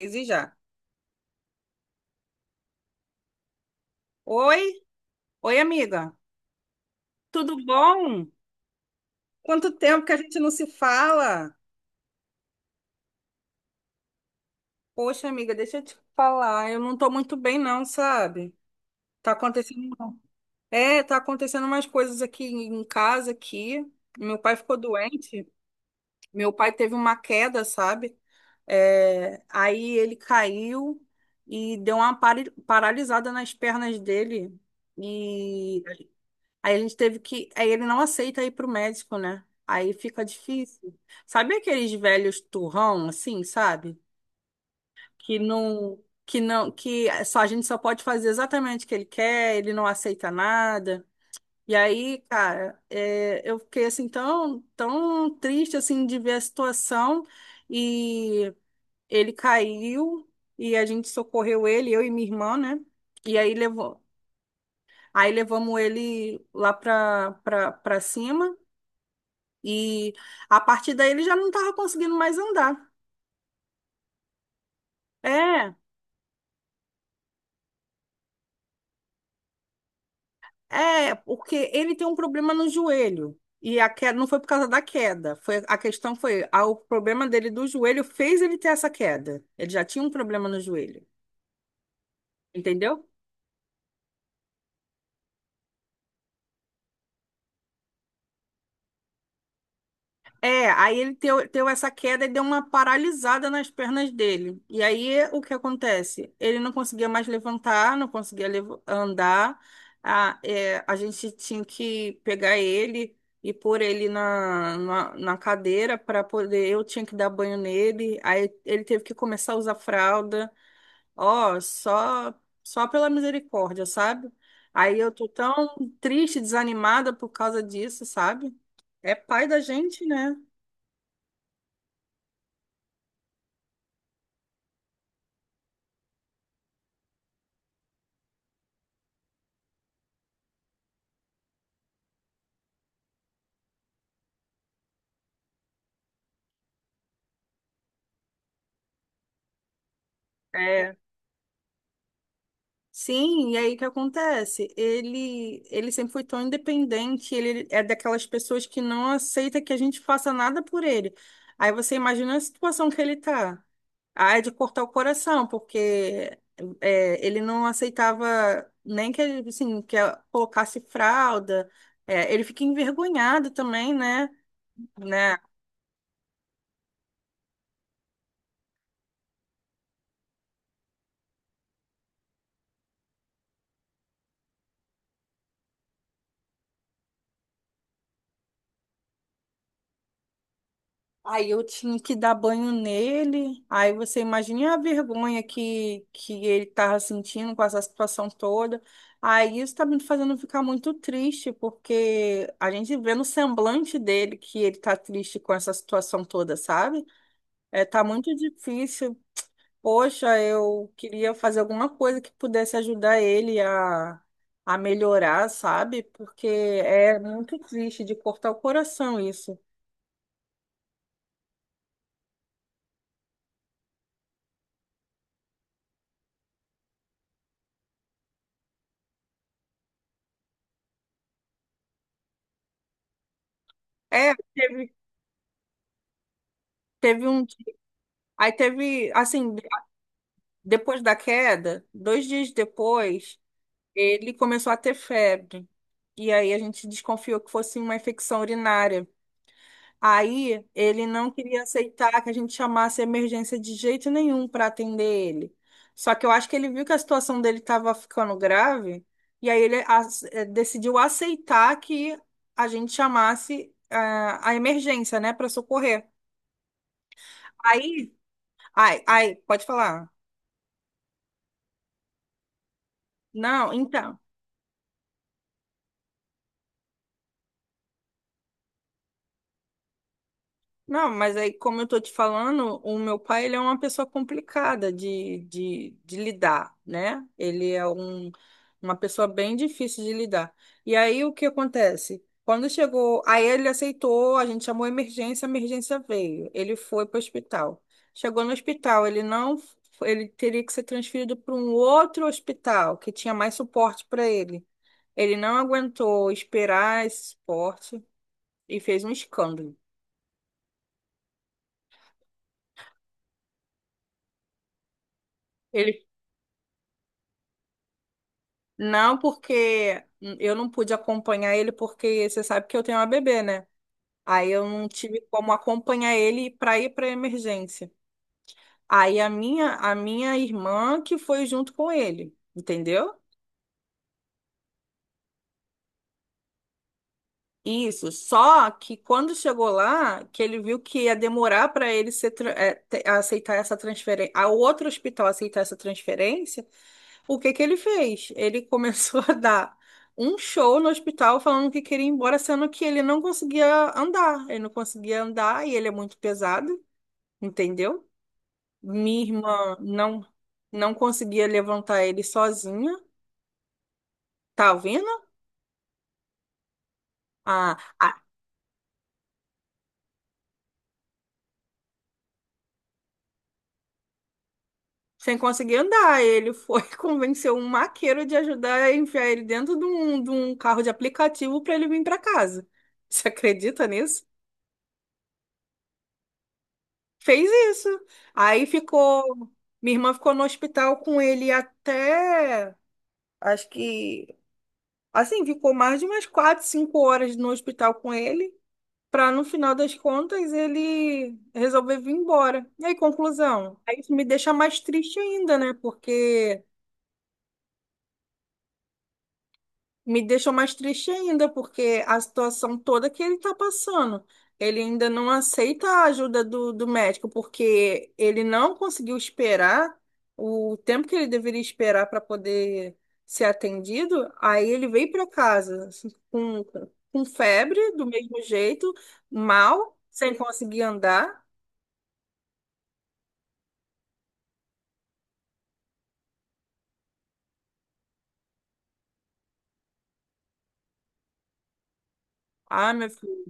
E já. Oi, oi, amiga. Tudo bom? Quanto tempo que a gente não se fala? Poxa, amiga, deixa eu te falar. Eu não tô muito bem, não, sabe? Tá acontecendo. É, tá acontecendo umas coisas aqui em casa aqui. Meu pai ficou doente. Meu pai teve uma queda, sabe? É, aí ele caiu e deu uma paralisada nas pernas dele. E Aí a gente teve que. Aí ele não aceita ir pro médico, né? Aí fica difícil. Sabe aqueles velhos turrão, assim, sabe? Que não. Que não. Que só, a gente só pode fazer exatamente o que ele quer, ele não aceita nada. E aí, cara, é, eu fiquei assim tão triste assim de ver a situação. E ele caiu e a gente socorreu ele, eu e minha irmã, né? E aí levou. Aí levamos ele lá pra cima. E a partir daí ele já não estava conseguindo mais andar. É, é, porque ele tem um problema no joelho. E a queda não foi por causa da queda. Foi, a questão foi, o problema dele do joelho fez ele ter essa queda. Ele já tinha um problema no joelho, entendeu? É, aí ele teu, teu essa queda e deu uma paralisada nas pernas dele. E aí o que acontece? Ele não conseguia mais levantar, não conseguia andar. A, é, a gente tinha que pegar ele e pôr ele na cadeira para poder. Eu tinha que dar banho nele. Aí ele teve que começar a usar fralda. Ó, só pela misericórdia, sabe? Aí eu tô tão triste, desanimada por causa disso, sabe? É pai da gente, né? É, sim, e aí o que acontece? Ele sempre foi tão independente, ele é daquelas pessoas que não aceita que a gente faça nada por ele. Aí você imagina a situação que ele tá. Ah, é de cortar o coração, porque é, ele não aceitava nem que, ele, assim, que ela colocasse fralda. É, ele fica envergonhado também, né? Né? Aí eu tinha que dar banho nele. Aí você imagina a vergonha que ele tava sentindo com essa situação toda. Aí isso tá me fazendo ficar muito triste, porque a gente vê no semblante dele que ele tá triste com essa situação toda, sabe? É, tá muito difícil. Poxa, eu queria fazer alguma coisa que pudesse ajudar ele a melhorar, sabe? Porque é muito triste de cortar o coração isso. É, teve. Teve um. Aí teve, assim, depois da queda, 2 dias depois, ele começou a ter febre. E aí a gente desconfiou que fosse uma infecção urinária. Aí ele não queria aceitar que a gente chamasse a emergência de jeito nenhum para atender ele. Só que eu acho que ele viu que a situação dele estava ficando grave, e aí ele decidiu aceitar que a gente chamasse a emergência, né, para socorrer. Aí, ai, ai, pode falar. Não, então. Não, mas aí, como eu tô te falando, o meu pai, ele é uma pessoa complicada de lidar, né? Ele é um, uma pessoa bem difícil de lidar. E aí, o que acontece? Quando chegou, aí ele aceitou, a gente chamou a emergência veio. Ele foi para o hospital. Chegou no hospital, ele não, ele teria que ser transferido para um outro hospital que tinha mais suporte para ele. Ele não aguentou esperar esse suporte e fez um escândalo. Não, porque eu não pude acompanhar ele, porque você sabe que eu tenho uma bebê, né? Aí eu não tive como acompanhar ele para ir para emergência. Aí a minha irmã que foi junto com ele, entendeu? Isso. Só que quando chegou lá, que ele viu que ia demorar para ele ser, aceitar essa transferência, a outro hospital aceitar essa transferência, o que que ele fez? Ele começou a dar um show no hospital falando que queria ir embora, sendo que ele não conseguia andar. Ele não conseguia andar e ele é muito pesado, entendeu? Minha irmã não conseguia levantar ele sozinha, tá ouvindo? Ah, ah, sem conseguir andar, ele foi convencer um maqueiro de ajudar a enfiar ele dentro de um carro de aplicativo para ele vir para casa. Você acredita nisso? Fez isso. Aí ficou. Minha irmã ficou no hospital com ele até. Acho que. Assim, ficou mais de umas quatro, cinco horas no hospital com ele, para no final das contas ele resolver vir embora. E aí, conclusão? Aí isso me deixa mais triste ainda, né? Porque Me deixou mais triste ainda, porque a situação toda que ele está passando, ele ainda não aceita a ajuda do médico, porque ele não conseguiu esperar o tempo que ele deveria esperar para poder ser atendido. Aí ele veio para casa assim, com febre, do mesmo jeito, mal, sem conseguir andar. Ah, meu filho.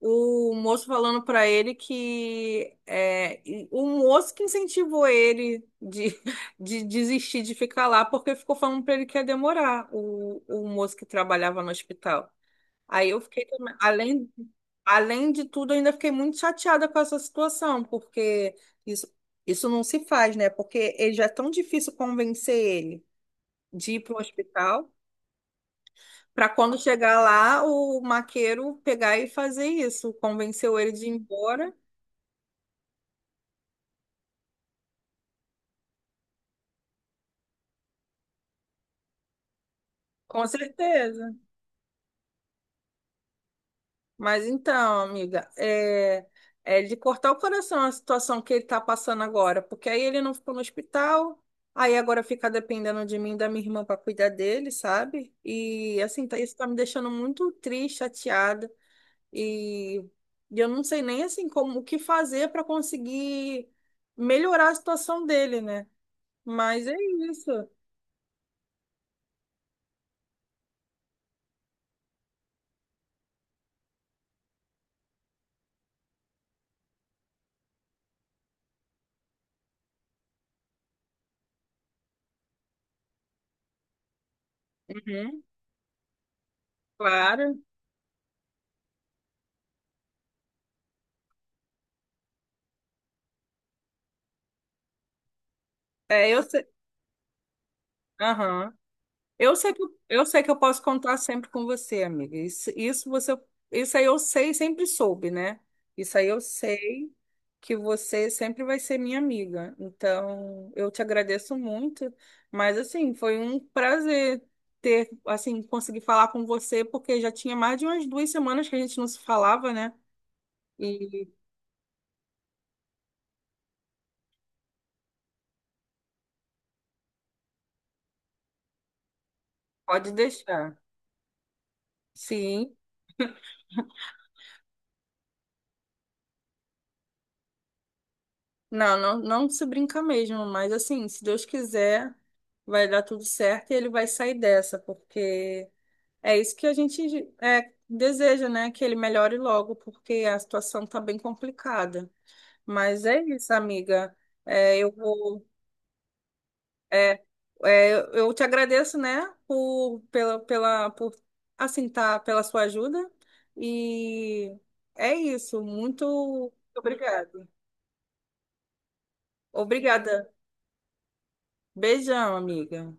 O moço falando pra ele que é, e o moço que incentivou ele de, de desistir de ficar lá, porque ficou falando pra ele que ia demorar, o moço que trabalhava no hospital. Aí eu fiquei também, além, além de tudo, eu ainda fiquei muito chateada com essa situação, porque isso, isso não se faz, né? Porque ele já é tão difícil convencer ele de ir para o hospital. Para quando chegar lá, o maqueiro pegar e fazer isso, convenceu ele de ir embora. Com certeza. Mas então, amiga, é, é de cortar o coração a situação que ele está passando agora, porque aí ele não ficou no hospital, aí agora fica dependendo de mim e da minha irmã para cuidar dele, sabe? E assim, tá, isso tá me deixando muito triste, chateada, e e eu não sei nem assim como o que fazer para conseguir melhorar a situação dele, né? Mas é isso. Uhum, claro. É, eu sei. Aham. Eu sei que, eu sei que eu posso contar sempre com você, amiga. Isso aí eu sei, sempre soube, né? Isso aí eu sei que você sempre vai ser minha amiga. Então, eu te agradeço muito, mas assim, foi um prazer ter, assim, conseguir falar com você, porque já tinha mais de umas 2 semanas que a gente não se falava, né? E pode deixar. Sim, não, não, não se brinca mesmo, mas assim, se Deus quiser, vai dar tudo certo e ele vai sair dessa, porque é isso que a gente é, deseja, né? Que ele melhore logo, porque a situação tá bem complicada. Mas é isso, amiga. É, eu vou, é, é, eu te agradeço, né? Por, pela, pela, por, assim, tá, pela sua ajuda. E é isso. Muito obrigada. Obrigada. Beijão, amiga.